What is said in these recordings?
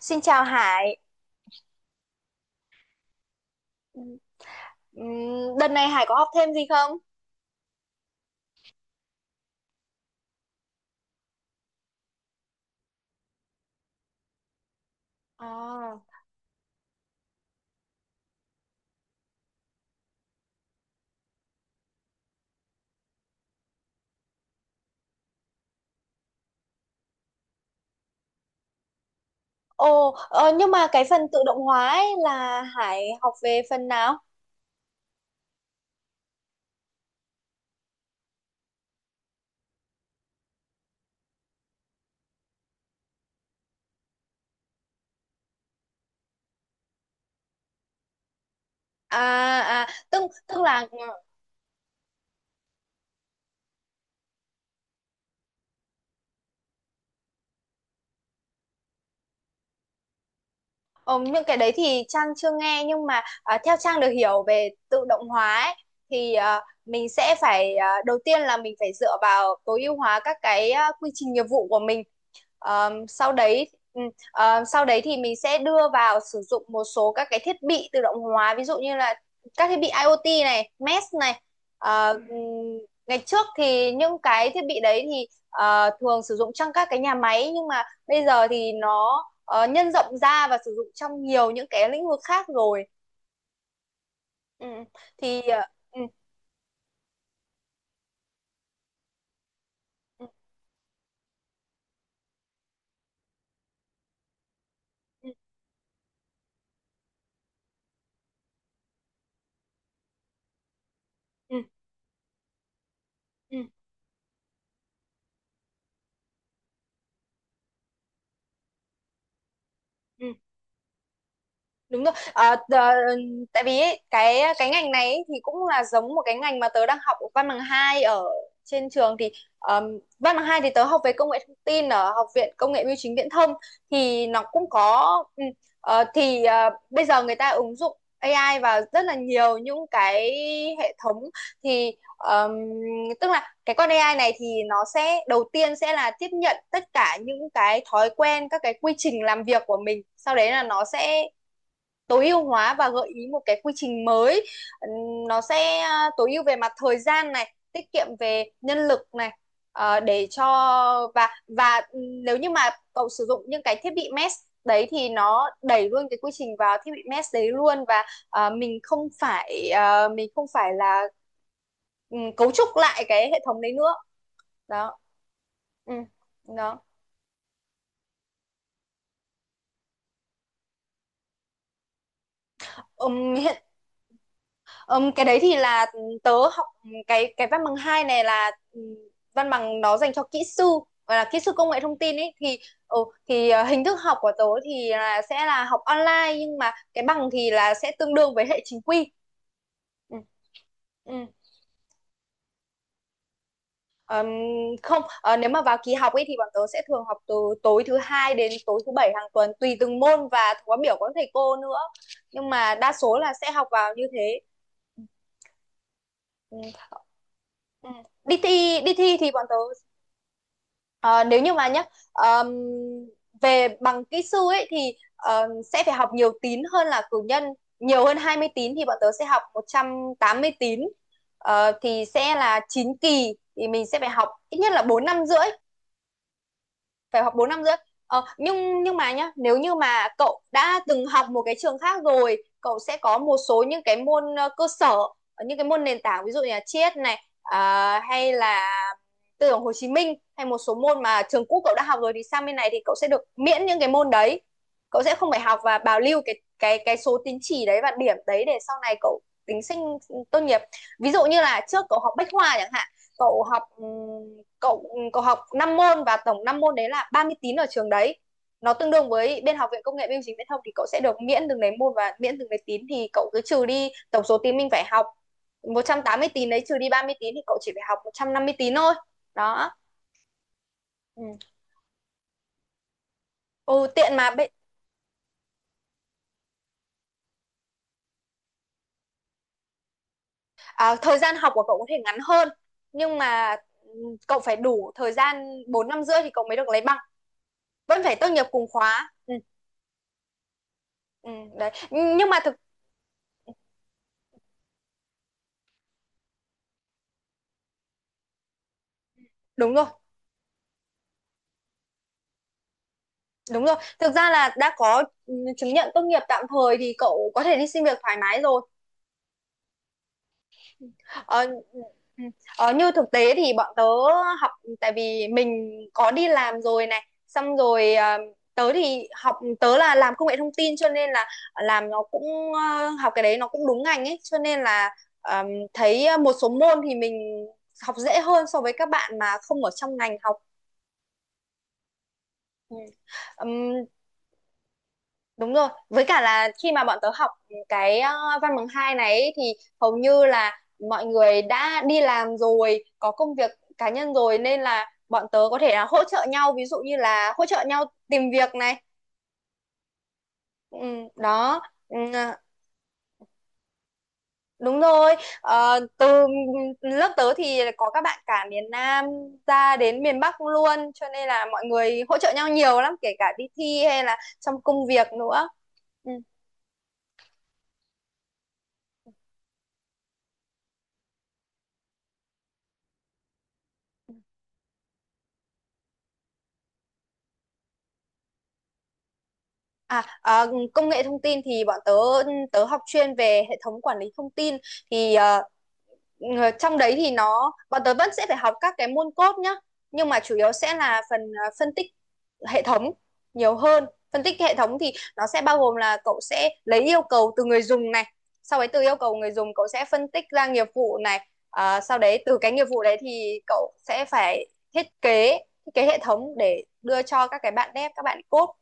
Xin chào Hải. Đợt này Hải có học thêm gì không? À. Ồ, nhưng mà cái phần tự động hóa ấy là Hải học về phần nào? À, à tức tức là, ờ, những cái đấy thì Trang chưa nghe, nhưng mà theo Trang được hiểu về tự động hóa ấy, thì mình sẽ phải, đầu tiên là mình phải dựa vào tối ưu hóa các cái quy trình nghiệp vụ của mình. Sau đấy thì mình sẽ đưa vào sử dụng một số các cái thiết bị tự động hóa ví dụ như là các thiết bị IoT này, mesh này. Ừ. Ngày trước thì những cái thiết bị đấy thì thường sử dụng trong các cái nhà máy, nhưng mà bây giờ thì nó nhân rộng ra và sử dụng trong nhiều những cái lĩnh vực khác rồi. Ừ, thì ừ, ừ, ừ, ừ, ừ. Ừ. Đúng rồi, à, tại vì ấy, cái ngành này ấy thì cũng là giống một cái ngành mà tớ đang học văn bằng hai ở trên trường. Thì ờm, văn bằng hai thì tớ học về công nghệ thông tin ở Học viện Công nghệ Bưu chính Viễn thông, thì nó cũng có, ừ, bây giờ người ta ứng dụng AI vào rất là nhiều những cái hệ thống. Thì ờm, tức là cái con AI này thì nó sẽ đầu tiên sẽ là tiếp nhận tất cả những cái thói quen, các cái quy trình làm việc của mình, sau đấy là nó sẽ tối ưu hóa và gợi ý một cái quy trình mới. Nó sẽ tối ưu về mặt thời gian này, tiết kiệm về nhân lực này, để cho, và nếu như mà cậu sử dụng những cái thiết bị mesh đấy thì nó đẩy luôn cái quy trình vào thiết bị mesh đấy luôn, và mình không phải, mình không phải là, ừ, cấu trúc lại cái hệ thống đấy nữa. Đó. Ừ. Đó. Hiện, cái đấy thì là tớ học cái văn bằng 2 này là, văn bằng nó dành cho kỹ sư, gọi là kỹ sư công nghệ thông tin ấy. Thì, ừ, thì hình thức học của tớ thì là sẽ là học online, nhưng mà cái bằng thì là sẽ tương đương với hệ chính quy. Ừ. Ừ. Ừm, không, nếu mà vào kỳ học ấy thì bọn tớ sẽ thường học từ tối thứ hai đến tối thứ bảy hàng tuần, tùy từng môn và khóa biểu của các thầy cô nữa, nhưng mà đa số là sẽ học vào như thế. Ừ. Ừ. Đi thi thì bọn tớ, ờ, nếu như mà nhá, ờm, về bằng kỹ sư ấy thì, sẽ phải học nhiều tín hơn là cử nhân, nhiều hơn 20 tín, thì bọn tớ sẽ học 180 tín. Ờ, thì sẽ là 9 kỳ, thì mình sẽ phải học ít nhất là 4 năm rưỡi, phải học 4 năm rưỡi. Ờ, nhưng mà nhá, nếu như mà cậu đã từng học một cái trường khác rồi, cậu sẽ có một số những cái môn, cơ sở, những cái môn nền tảng, ví dụ như là triết này, à, hay là tư tưởng Hồ Chí Minh, hay một số môn mà trường cũ cậu đã học rồi, thì sang bên này thì cậu sẽ được miễn những cái môn đấy. Cậu sẽ không phải học, và bảo lưu cái cái số tín chỉ đấy và điểm đấy để sau này cậu tính sinh tốt nghiệp. Ví dụ như là trước cậu học bách khoa chẳng hạn, cậu học, ừ, cậu cậu học 5 môn, và tổng 5 môn đấy là 30 tín ở trường đấy, nó tương đương với bên học viện công nghệ bưu chính viễn thông, thì cậu sẽ được miễn từng đấy môn và miễn từng đấy tín, thì cậu cứ trừ đi tổng số tín mình phải học, 180 tín đấy trừ đi 30 tín, thì cậu chỉ phải học 150 tín thôi. Đó. Ừ. Ừ, tiện mà. À, thời gian học của cậu có thể ngắn hơn, nhưng mà, ừ, cậu phải đủ thời gian 4 năm rưỡi thì cậu mới được lấy bằng, vẫn phải tốt nghiệp cùng khóa. Ừ. Ừ. Đấy, nhưng mà thực, đúng rồi. Đúng rồi, thực ra là đã có, ừ, chứng nhận tốt nghiệp tạm thời thì cậu có thể đi xin việc thoải mái rồi. Ờ. Ừ. Như thực tế thì bọn tớ học, tại vì mình có đi làm rồi này, xong rồi, tớ thì học, tớ là làm công nghệ thông tin, cho nên là làm nó cũng, học cái đấy nó cũng đúng ngành ấy, cho nên là, ờm, thấy một số môn thì mình học dễ hơn so với các bạn mà không ở trong ngành học. Ừ. Ừm, đúng rồi, với cả là khi mà bọn tớ học cái, văn bằng hai này ấy, thì hầu như là mọi người đã đi làm rồi, có công việc cá nhân rồi, nên là bọn tớ có thể là hỗ trợ nhau, ví dụ như là hỗ trợ nhau tìm việc này. Ừ. Đó. Ừ, à, đúng rồi. Ờ, từ lớp tớ thì có các bạn cả miền Nam ra đến miền Bắc luôn, cho nên là mọi người hỗ trợ nhau nhiều lắm, kể cả đi thi hay là trong công việc nữa. Ừ. À, à, công nghệ thông tin thì bọn tớ, tớ học chuyên về hệ thống quản lý thông tin. Thì trong đấy thì bọn tớ vẫn sẽ phải học các cái môn code nhá, nhưng mà chủ yếu sẽ là phần phân tích hệ thống nhiều hơn. Phân tích hệ thống thì nó sẽ bao gồm là cậu sẽ lấy yêu cầu từ người dùng này, sau đấy từ yêu cầu người dùng cậu sẽ phân tích ra nghiệp vụ này. Ờ, sau đấy từ cái nghiệp vụ đấy thì cậu sẽ phải thiết kế, thiết kế hệ thống để đưa cho các cái bạn dev, các bạn code.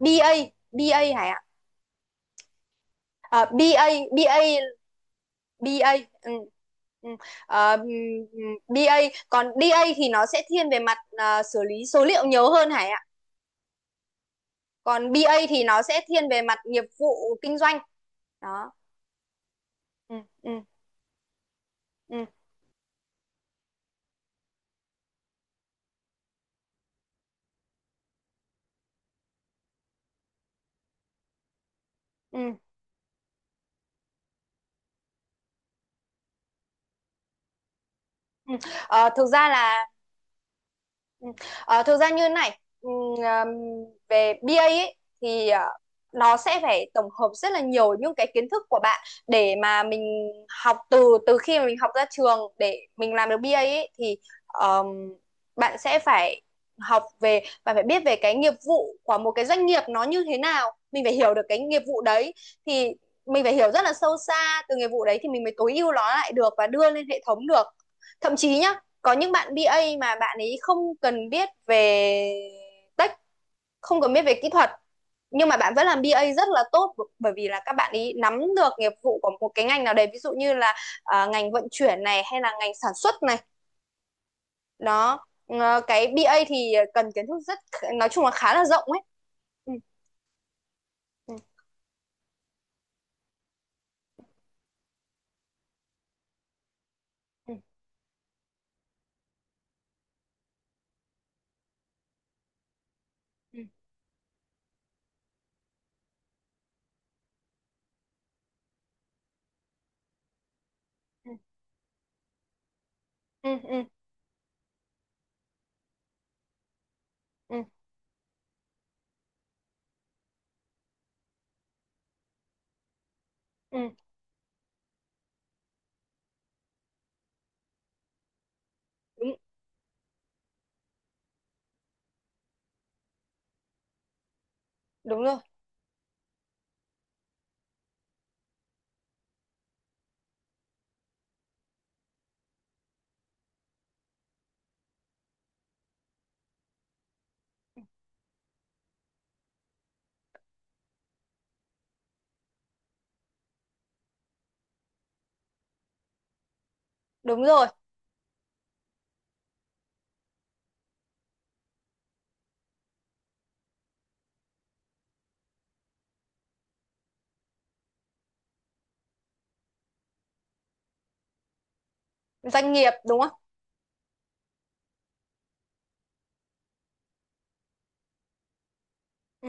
BA. BA, Hải ạ. À, BA. BA. BA. Ừ. Ừ. Ờ, BA, còn DA thì nó sẽ thiên về mặt xử lý số liệu nhiều hơn, Hải ạ. Còn bê A thì nó sẽ thiên về mặt nghiệp vụ kinh doanh. Đó. Ừ. Ừ. Ừ. Ừ. Ừ. Ờ, thực ra là. Ừ. Ờ, thực ra như này, về BA ấy, thì nó sẽ phải tổng hợp rất là nhiều những cái kiến thức của bạn để mà mình học. Từ từ khi mà mình học ra trường để mình làm được BA ấy, thì ờm, bạn sẽ phải học về và phải biết về cái nghiệp vụ của một cái doanh nghiệp nó như thế nào, mình phải hiểu được cái nghiệp vụ đấy. Thì mình phải hiểu rất là sâu xa từ nghiệp vụ đấy, thì mình mới tối ưu nó lại được và đưa lên hệ thống được. Thậm chí nhá, có những bạn bê A mà bạn ấy không cần biết về tech, không cần biết về kỹ thuật, nhưng mà bạn vẫn làm bê A rất là tốt, bởi vì là các bạn ý nắm được nghiệp vụ của một cái ngành nào đấy, ví dụ như là, à, ngành vận chuyển này hay là ngành sản xuất này. Đó. Ờ, cái bê A thì cần kiến thức rất, nói chung là khá là rộng ấy. Ừ. Ừ, ừ, ừ, ừ, ừ, ừ, ừ, ừ. Đúng đúng rồi, đúng rồi. Doanh nghiệp đúng không? Ừ.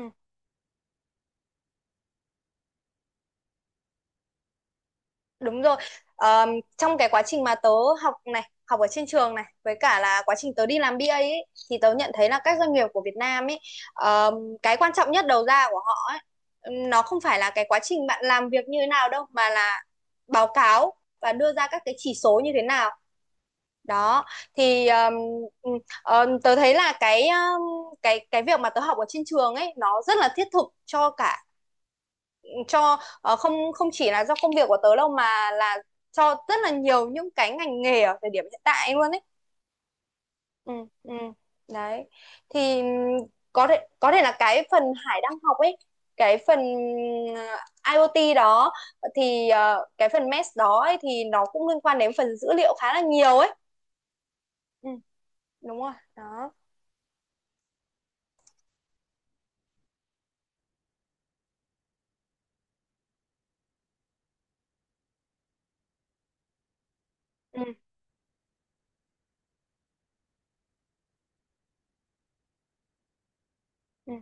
Đúng rồi. Ờm, trong cái quá trình mà tớ học này, học ở trên trường này, với cả là quá trình tớ đi làm BA ấy, thì tớ nhận thấy là các doanh nghiệp của Việt Nam ấy, ờm, cái quan trọng nhất đầu ra của họ ấy, nó không phải là cái quá trình bạn làm việc như thế nào đâu, mà là báo cáo và đưa ra các cái chỉ số như thế nào. Đó. Thì tớ thấy là cái, cái việc mà tớ học ở trên trường ấy, nó rất là thiết thực cho cả, cho không, chỉ là do công việc của tớ đâu, mà là cho rất là nhiều những cái ngành nghề ở thời điểm hiện tại luôn ấy. Ừ. Ừ. Đấy. Thì có thể, là cái phần Hải đang học ấy, cái phần ờ, IoT đó, thì cái phần MES đó ấy thì nó cũng liên quan đến phần dữ liệu khá là nhiều ấy. Ừ. Đúng rồi đó. Ừ. Ừ,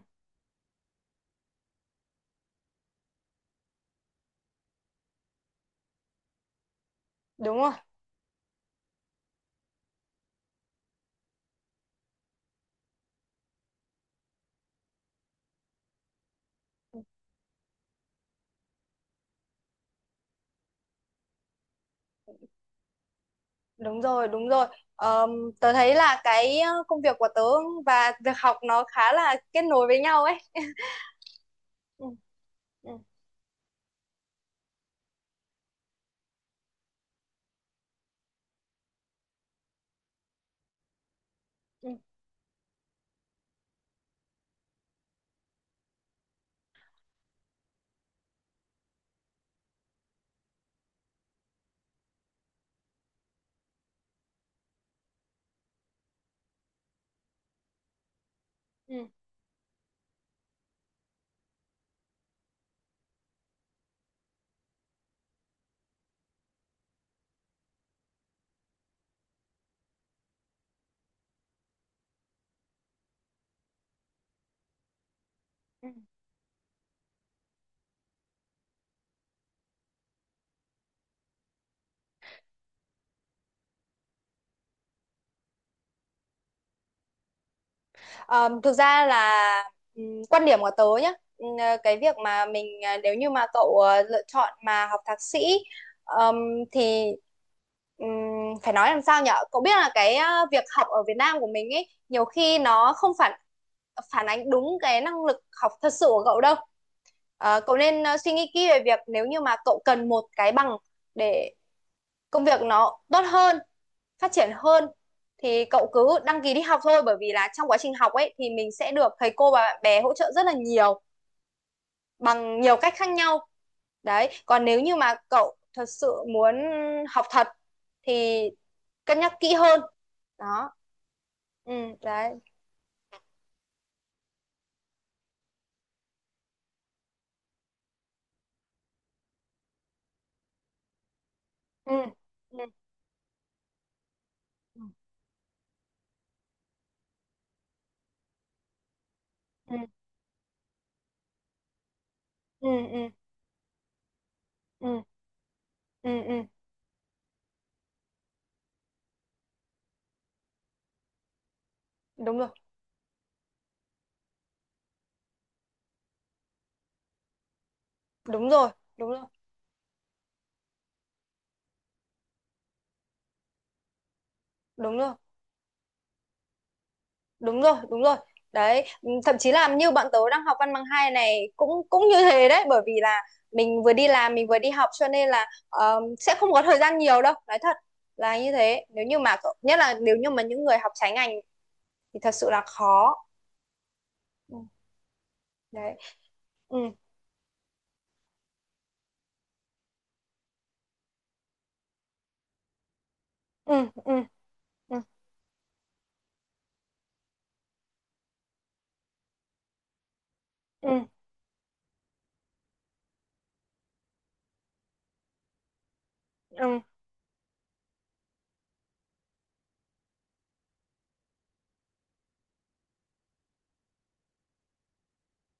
đúng rồi. Ừ, đúng rồi, đúng rồi. Ờm, tớ thấy là cái công việc của tớ và việc học nó khá là kết nối với nhau ấy. Ừ. Ừ. Ừ. ừ, ừ. Ờ, thực ra là, ừ, quan điểm của tớ nhá. Ừ, cái việc mà mình, nếu như mà cậu lựa chọn mà học thạc sĩ, ừm, thì ừm, phải nói làm sao nhở, cậu biết là cái, việc học ở Việt Nam của mình ấy nhiều khi nó không phản, phản ánh đúng cái năng lực học thật sự của cậu đâu. Ờ, cậu nên suy nghĩ kỹ về việc nếu như mà cậu cần một cái bằng để công việc nó tốt hơn, phát triển hơn, thì cậu cứ đăng ký đi học thôi, bởi vì là trong quá trình học ấy thì mình sẽ được thầy cô và bạn bè hỗ trợ rất là nhiều bằng nhiều cách khác nhau. Đấy, còn nếu như mà cậu thật sự muốn học thật thì cân nhắc kỹ hơn. Đó. Ừ. Đấy. Ừ, ừ, ừ, ừ, ừ, ừ, ừ, ừ. Ừ. Đúng rồi, đúng rồi, đúng rồi, đúng rồi. Đúng rồi, đúng rồi. Đấy, ừ, thậm chí là như bọn tớ đang học văn bằng hai này cũng, cũng như thế đấy, bởi vì là mình vừa đi làm mình vừa đi học, cho nên là sẽ không có thời gian nhiều đâu, nói thật là như thế. Nếu như mà nhất là nếu như mà những người học trái ngành thì thật sự là khó. Ừ. Đấy. Ừ, ừ, ừ, ừ, ừ, ừ,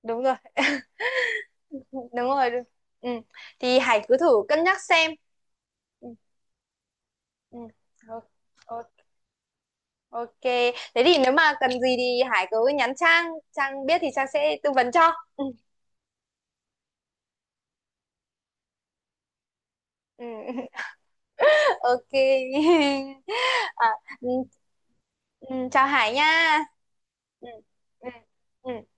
đúng rồi. Đúng rồi. Ừ. Thì Hải cứ thử cân nhắc xem. Ừ, ừ. Thôi, ok. Ok, thế thì nếu mà cần gì thì Hải cứ nhắn Trang, Trang biết thì Trang sẽ tư vấn cho. Ừ. Ừ. Ok. À, ừ. Ừ, chào Hải nha. Ừ. Ừ. Ừ.